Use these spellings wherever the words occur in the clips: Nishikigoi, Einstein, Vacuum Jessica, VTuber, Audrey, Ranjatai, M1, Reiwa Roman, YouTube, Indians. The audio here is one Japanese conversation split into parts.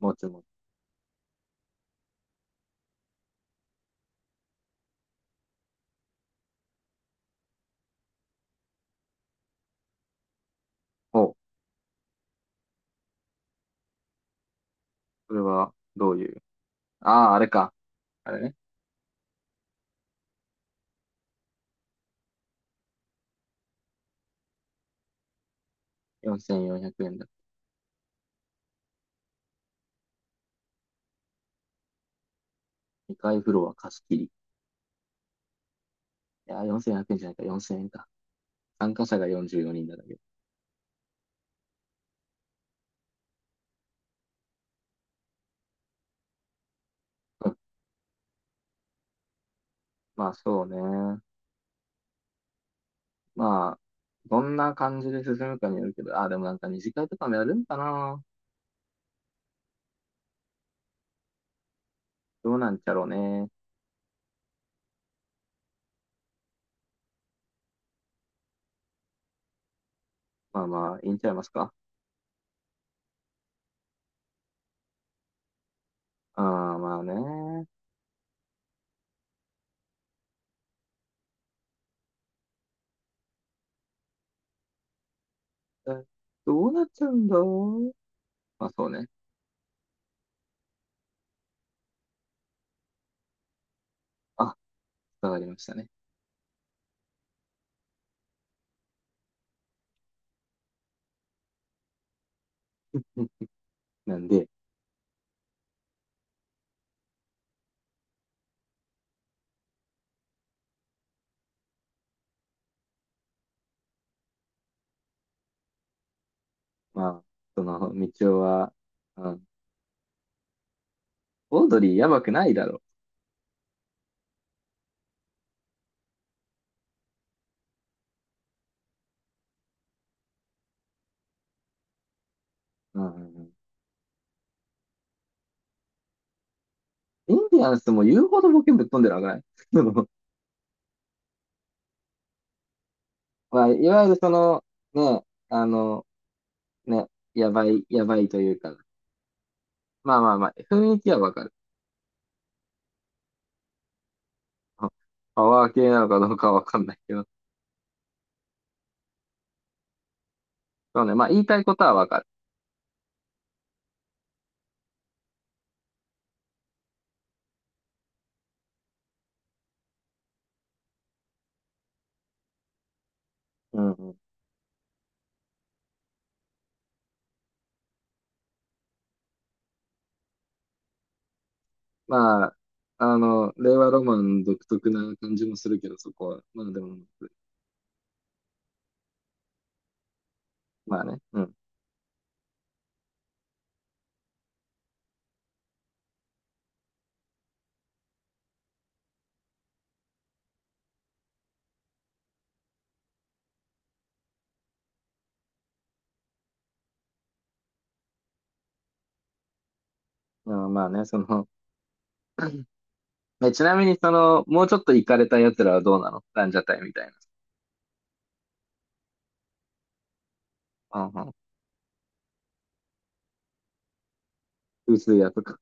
もちもち。お、これはどういう。ああ、あれか。あれね。4400円だ。2階フロア貸し切り。いやー、4400円じゃないか、4000円か。参加者が44人だけど。うん、まあ、そうね。まあ、どんな感じで進むかによるけど、ああ、でもなんか二次会とかもやるんかな。どうなんちゃろうね。まあまあ、いいんちゃいますか。ああ、まあね。えどうなっちゃうんだろう。まあそうね。あ、伝わりましたね。うん、なんで、まあ、その、道夫は、うん、オードリーやばくないだろう。うん。インディアンスも言うほどボケぶっ飛んでるわけない。その、まあ、いわゆるその、ね、あの、ね、やばい、やばいというか、まあまあまあ、雰囲気はわかる。うん、パワー系なのかどうかはわかんないけど、そうね、まあ言いたいことはわかる。うん、うん。まあ、あの、令和ロマン独特な感じもするけど、そこは。まあでも、まあね、うん。うん、まあね、その、ちなみにその、もうちょっと行かれた奴らはどうなの、ランジャタイみたいな。うん、うん、薄いやつか。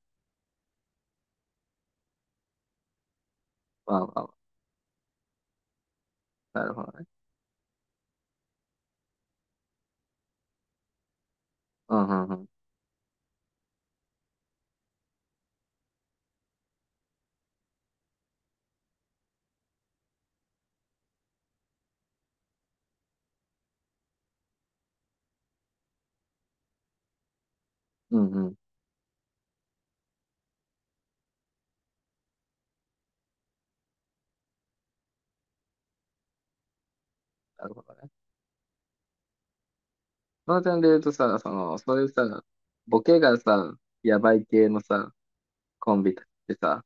わあ、わあ、なるほどね。うん、うん、うん。うん、うん。なるほどね。その点で言うとさ、その、そういうさ、ボケがさ、やばい系のさ、コンビってさ、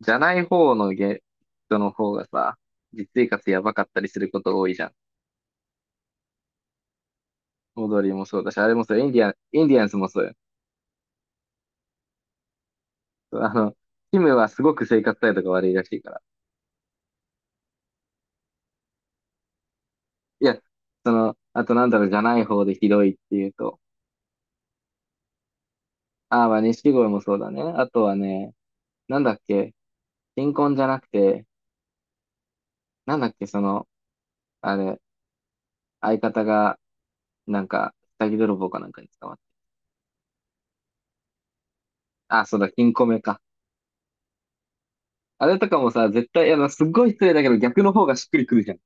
じゃない方の人の方がさ、実生活やばかったりすること多いじゃん。踊りもそうだし、あれもそう、インディアンスもそうよ。あの、キムはすごく生活態度が悪いらしいから。いや、その、あとなんだろう、じゃない方でひどいっていうと、ああ、まあ、錦鯉もそうだね。あとはね、なんだっけ、新婚じゃなくて、なんだっけ、その、あれ、相方が、なんか、下着泥棒かなんかに捕まった。あ、そうだ、金庫目か。あれとかもさ、絶対、いや、まあすっごい失礼だけど、逆の方がしっくりくるじゃん。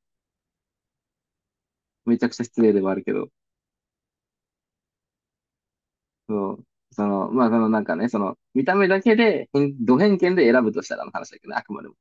めちゃくちゃ失礼ではあるけど。そう。その、まあ、そのなんかね、その、見た目だけで、偏見で選ぶとしたらの話だけどね、あくまでも。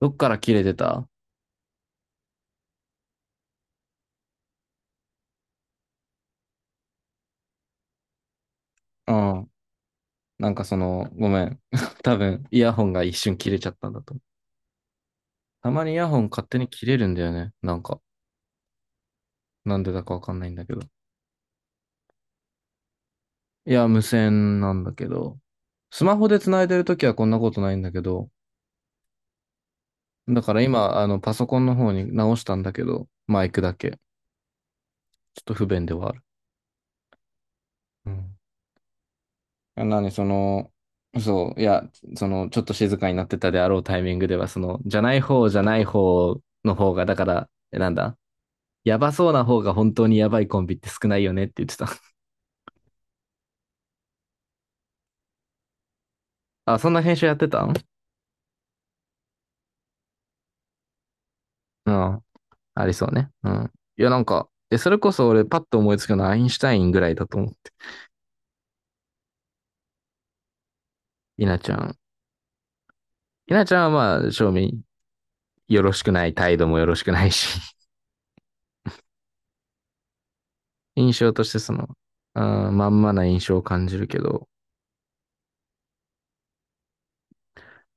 どっから切れてた。うん。なんかその、ごめん。多分、イヤホンが一瞬切れちゃったんだと思う。たまにイヤホン勝手に切れるんだよね。なんか、なんでだかわかんないんだけど。いや、無線なんだけど、スマホで繋いでるときはこんなことないんだけど、だから今、あの、パソコンの方に直したんだけど、マイクだけ。ちょっと不便ではある。うん。あなに、その、そう、いや、その、ちょっと静かになってたであろうタイミングでは、その、じゃない方の方が、だから、なんだ、やばそうな方が本当にやばいコンビって少ないよねって言ってた。あ、そんな編集やってたん。うん。ありそうね。うん。いや、なんか、それこそ俺パッと思いつくのはアインシュタインぐらいだと思う。稲ちゃん。稲ちゃんはまあ、正面よろしくない、態度もよろしくないし、印象としてその、あ、まんまな印象を感じるけど。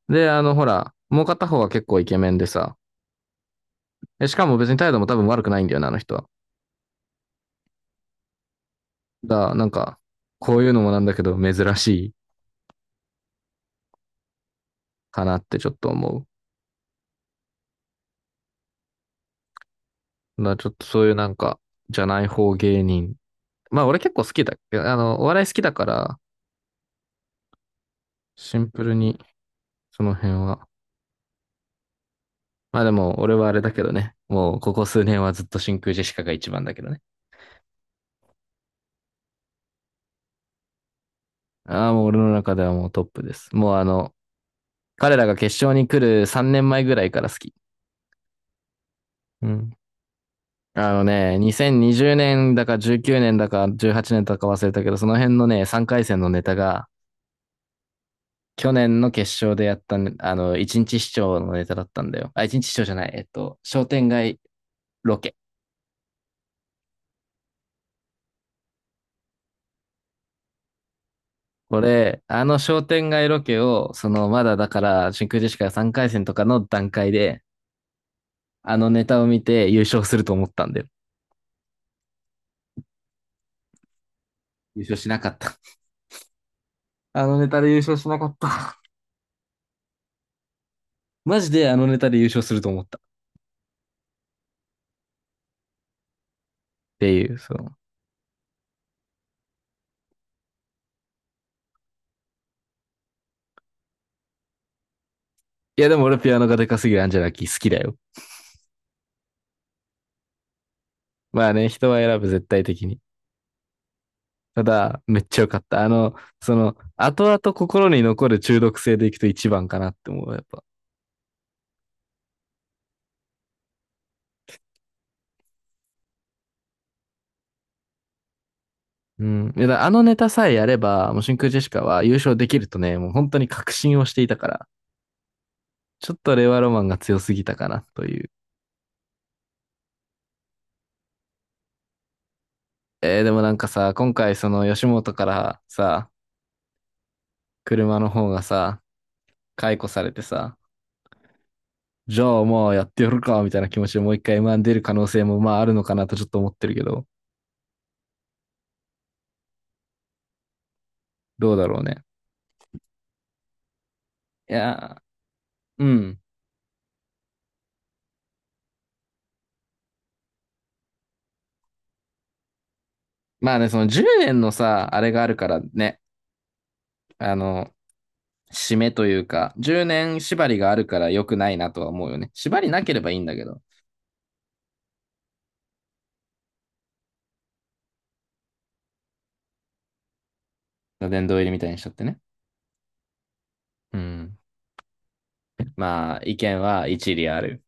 で、あの、ほら、もう片方は結構イケメンでさ、しかも別に態度も多分悪くないんだよな、あの人は。だから、なんか、こういうのもなんだけど、珍しいかなってちょっと思う。だからちょっとそういうなんか、じゃない方芸人。まあ、俺結構好きだ。あの、お笑い好きだから、シンプルに、その辺は。まあでも、俺はあれだけどね。もう、ここ数年はずっと真空ジェシカが一番だけどね。ああ、もう俺の中ではもうトップです。もうあの、彼らが決勝に来る3年前ぐらいから好き。うん。あのね、2020年だか19年だか18年だか忘れたけど、その辺のね、3回戦のネタが、去年の決勝でやったね、あの、1日市長のネタだったんだよ。あ、1日市長じゃない。商店街ロケ。これ、あの商店街ロケを、その、まだだから、真空ジェシカが3回戦とかの段階で、あのネタを見て優勝すると思ったんだよ。優勝しなかった。あのネタで優勝しなかった。マジであのネタで優勝すると思った。っていう、その。いやでも俺ピアノがでかすぎるアンジェラキー好きだよ。まあね、人は選ぶ絶対的に。ただ、めっちゃ良かった。あの、その、後々心に残る中毒性でいくと一番かなって思う、やっぱ。うん。いやだ、あのネタさえやれば、もう真空ジェシカは優勝できるとね、もう本当に確信をしていたから、ちょっと令和ロマンが強すぎたかなという。でもなんかさ、今回その吉本からさ、車の方がさ、解雇されてさ、じゃあもうやってやるか、みたいな気持ちでもう一回 M1 出る可能性もまああるのかなとちょっと思ってるけど、どうだろうね。いや、うん。まあね、その10年のさ、あれがあるからね、あの、締めというか、10年縛りがあるから良くないなとは思うよね。縛りなければいいんだけど、殿堂入りみたいにしちゃってね。うん。まあ、意見は一理ある。